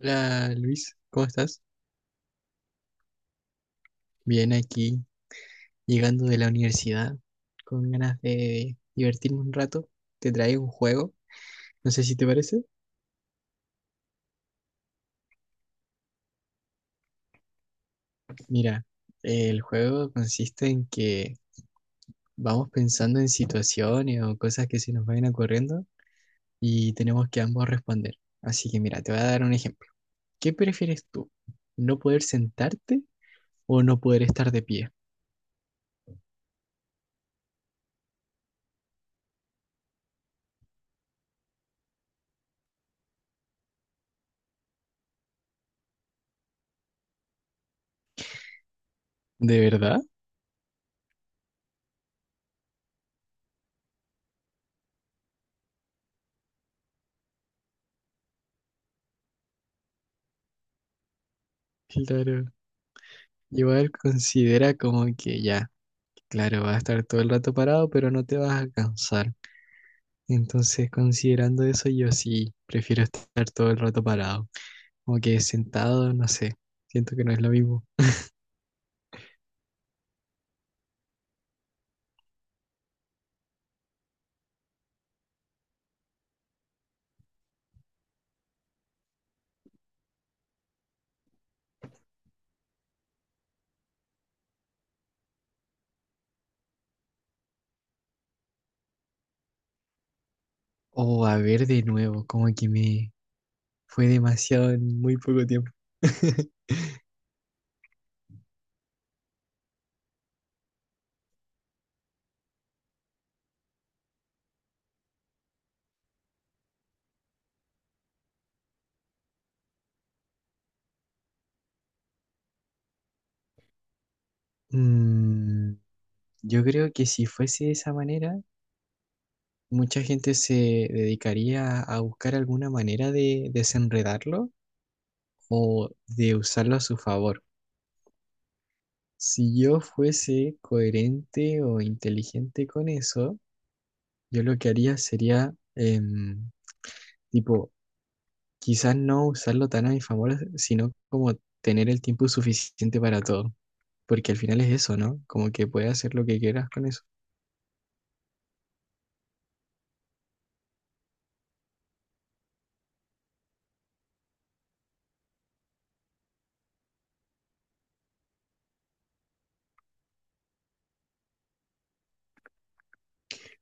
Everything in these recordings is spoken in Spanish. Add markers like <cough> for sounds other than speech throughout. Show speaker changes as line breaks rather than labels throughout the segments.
Hola Luis, ¿cómo estás? Bien aquí, llegando de la universidad, con ganas de divertirme un rato. Te traigo un juego, no sé si te parece. Mira, el juego consiste en que vamos pensando en situaciones o cosas que se nos vayan ocurriendo y tenemos que ambos responder. Así que mira, te voy a dar un ejemplo. ¿Qué prefieres tú? ¿No poder sentarte o no poder estar de pie? ¿De verdad? Claro. Igual considera como que ya. Claro, vas a estar todo el rato parado, pero no te vas a cansar. Entonces, considerando eso, yo sí prefiero estar todo el rato parado. Como que sentado, no sé, siento que no es lo mismo. O a ver de nuevo, como que me fue demasiado en muy poco tiempo. <laughs> Mm, yo creo que si fuese de esa manera, mucha gente se dedicaría a buscar alguna manera de desenredarlo o de usarlo a su favor. Si yo fuese coherente o inteligente con eso, yo lo que haría sería, tipo, quizás no usarlo tan a mi favor, sino como tener el tiempo suficiente para todo, porque al final es eso, ¿no? Como que puedes hacer lo que quieras con eso.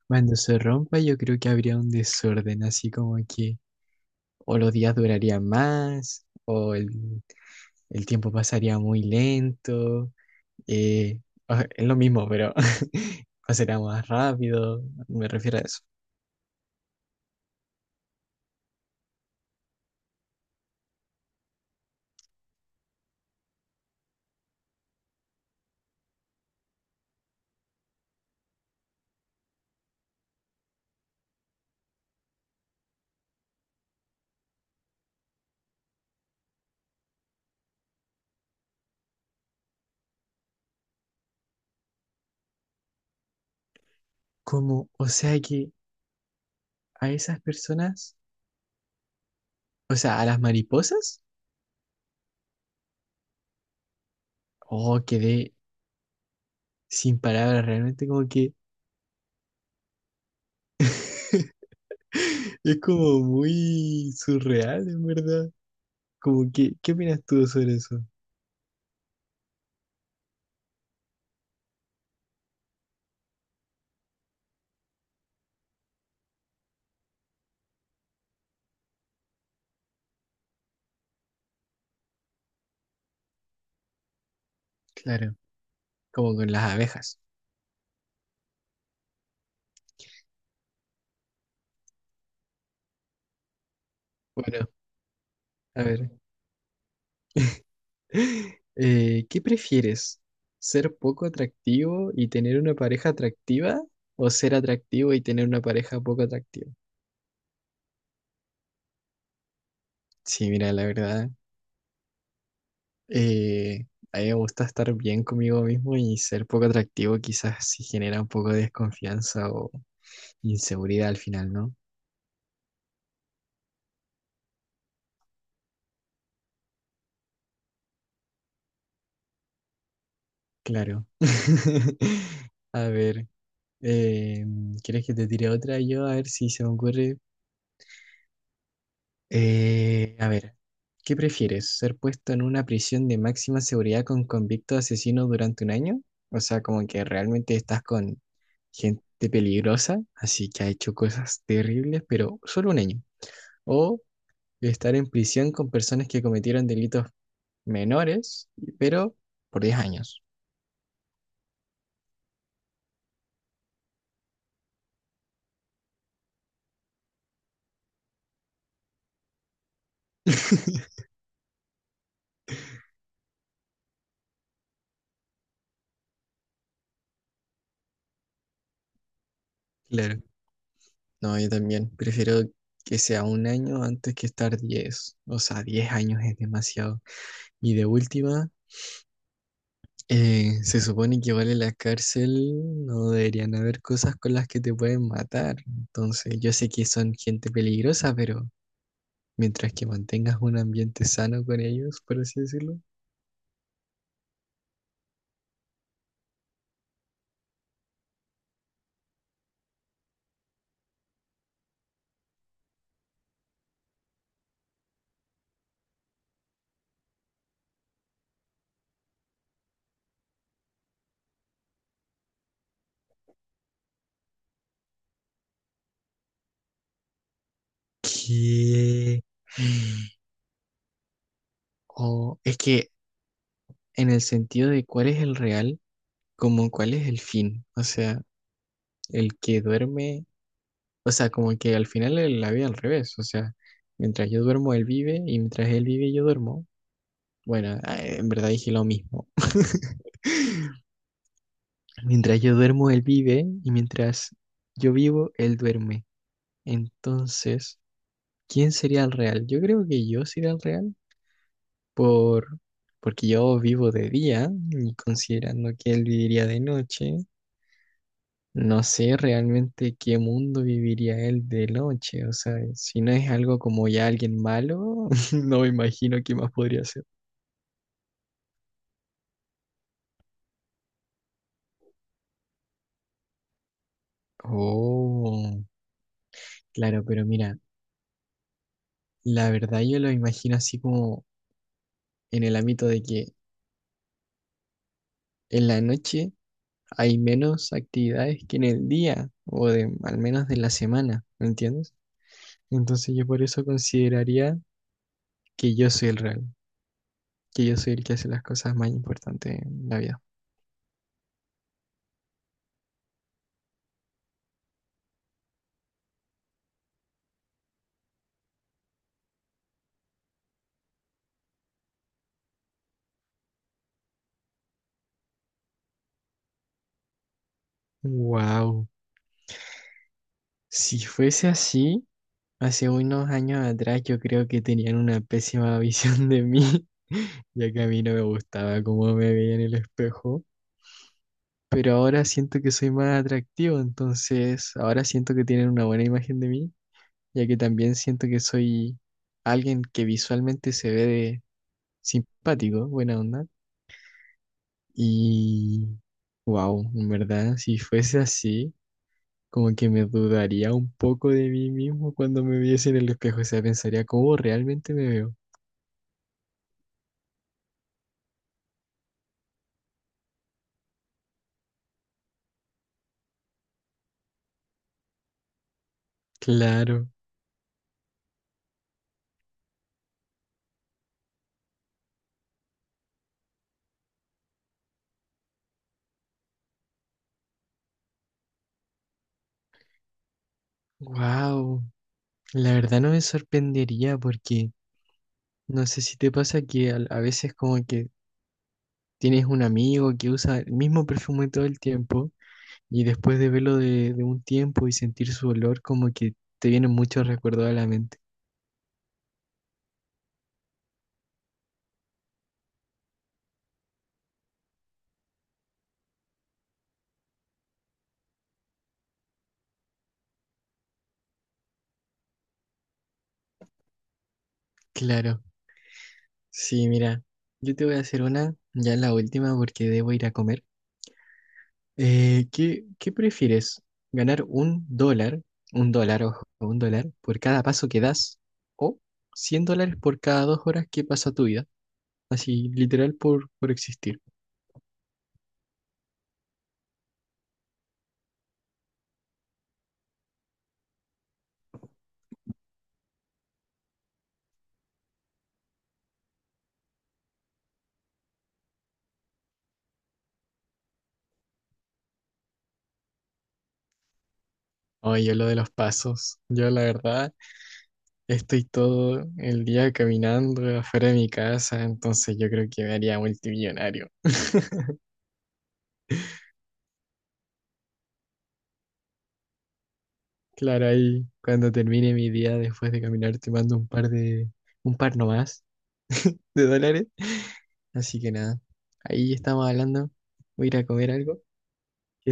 Cuando se rompa, yo creo que habría un desorden, así como que o los días durarían más, o el tiempo pasaría muy lento. Eh, o sea, es lo mismo, pero <laughs> o será más rápido, me refiero a eso. Como, o sea que a esas personas, o sea, a las mariposas, oh, quedé sin palabras, realmente como que <laughs> es como muy surreal, en verdad. Como que, ¿qué opinas tú sobre eso? Claro, como con las abejas. Bueno, a ver. ¿Qué prefieres? ¿Ser poco atractivo y tener una pareja atractiva? ¿O ser atractivo y tener una pareja poco atractiva? Sí, mira, la verdad, eh, a mí me gusta estar bien conmigo mismo y ser poco atractivo quizás sí genera un poco de desconfianza o inseguridad al final, ¿no? Claro. <laughs> A ver, eh, ¿quieres que te tire otra yo? A ver si se me ocurre. A ver, ¿qué prefieres? ¿Ser puesto en una prisión de máxima seguridad con convicto de asesino durante 1 año? O sea, como que realmente estás con gente peligrosa, así que ha hecho cosas terribles, pero solo 1 año. O estar en prisión con personas que cometieron delitos menores, pero por 10 años. <laughs> Claro. No, yo también prefiero que sea 1 año antes que estar 10. O sea, 10 años es demasiado. Y de última... se supone que vale la cárcel, no deberían haber cosas con las que te pueden matar. Entonces, yo sé que son gente peligrosa, pero mientras que mantengas un ambiente sano con ellos, por así decirlo. Que... O es que en el sentido de cuál es el real, como cuál es el fin. O sea, el que duerme, o sea, como que al final la vida al revés. O sea, mientras yo duermo, él vive, y mientras él vive, yo duermo. Bueno, ah, en verdad dije lo mismo. <laughs> Mientras yo duermo, él vive y mientras yo vivo, él duerme. Entonces, ¿quién sería el real? Yo creo que yo sería el real por porque yo vivo de día y considerando que él viviría de noche, no sé realmente qué mundo viviría él de noche. O sea, si no es algo como ya alguien malo, <laughs> no me imagino qué más podría ser. Oh, claro, pero mira, la verdad yo lo imagino así como en el ámbito de que en la noche hay menos actividades que en el día o al menos de la semana, ¿me entiendes? Entonces yo por eso consideraría que yo soy el real, que yo soy el que hace las cosas más importantes en la vida. Wow, si fuese así, hace unos años atrás yo creo que tenían una pésima <laughs> visión de mí, <laughs> ya que a mí no me gustaba cómo me veía en el espejo. Pero ahora siento que soy más atractivo, entonces ahora siento que tienen una buena imagen de mí ya que también siento que soy alguien que visualmente se ve de simpático, buena onda. Y wow, en verdad, si fuese así, como que me dudaría un poco de mí mismo cuando me viese en el espejo, o sea, pensaría cómo realmente me veo. Claro, wow, la verdad no me sorprendería porque no sé si te pasa que veces como que tienes un amigo que usa el mismo perfume todo el tiempo. Y después de verlo de un tiempo y sentir su olor, como que te vienen muchos recuerdos a la mente. Claro, sí, mira, yo te voy a hacer una, ya la última porque debo ir a comer. ¿Qué prefieres? ¿Ganar $1, $1, ojo, $1 por cada paso que das o $100 por cada 2 horas que pasa tu vida? Así, literal por existir. Oye, yo lo de los pasos, yo la verdad estoy todo el día caminando afuera de mi casa, entonces yo creo que me haría multimillonario. <laughs> Claro, ahí cuando termine mi día después de caminar te mando un par nomás de dólares. Así que nada, ahí estamos hablando. Voy a ir a comer algo.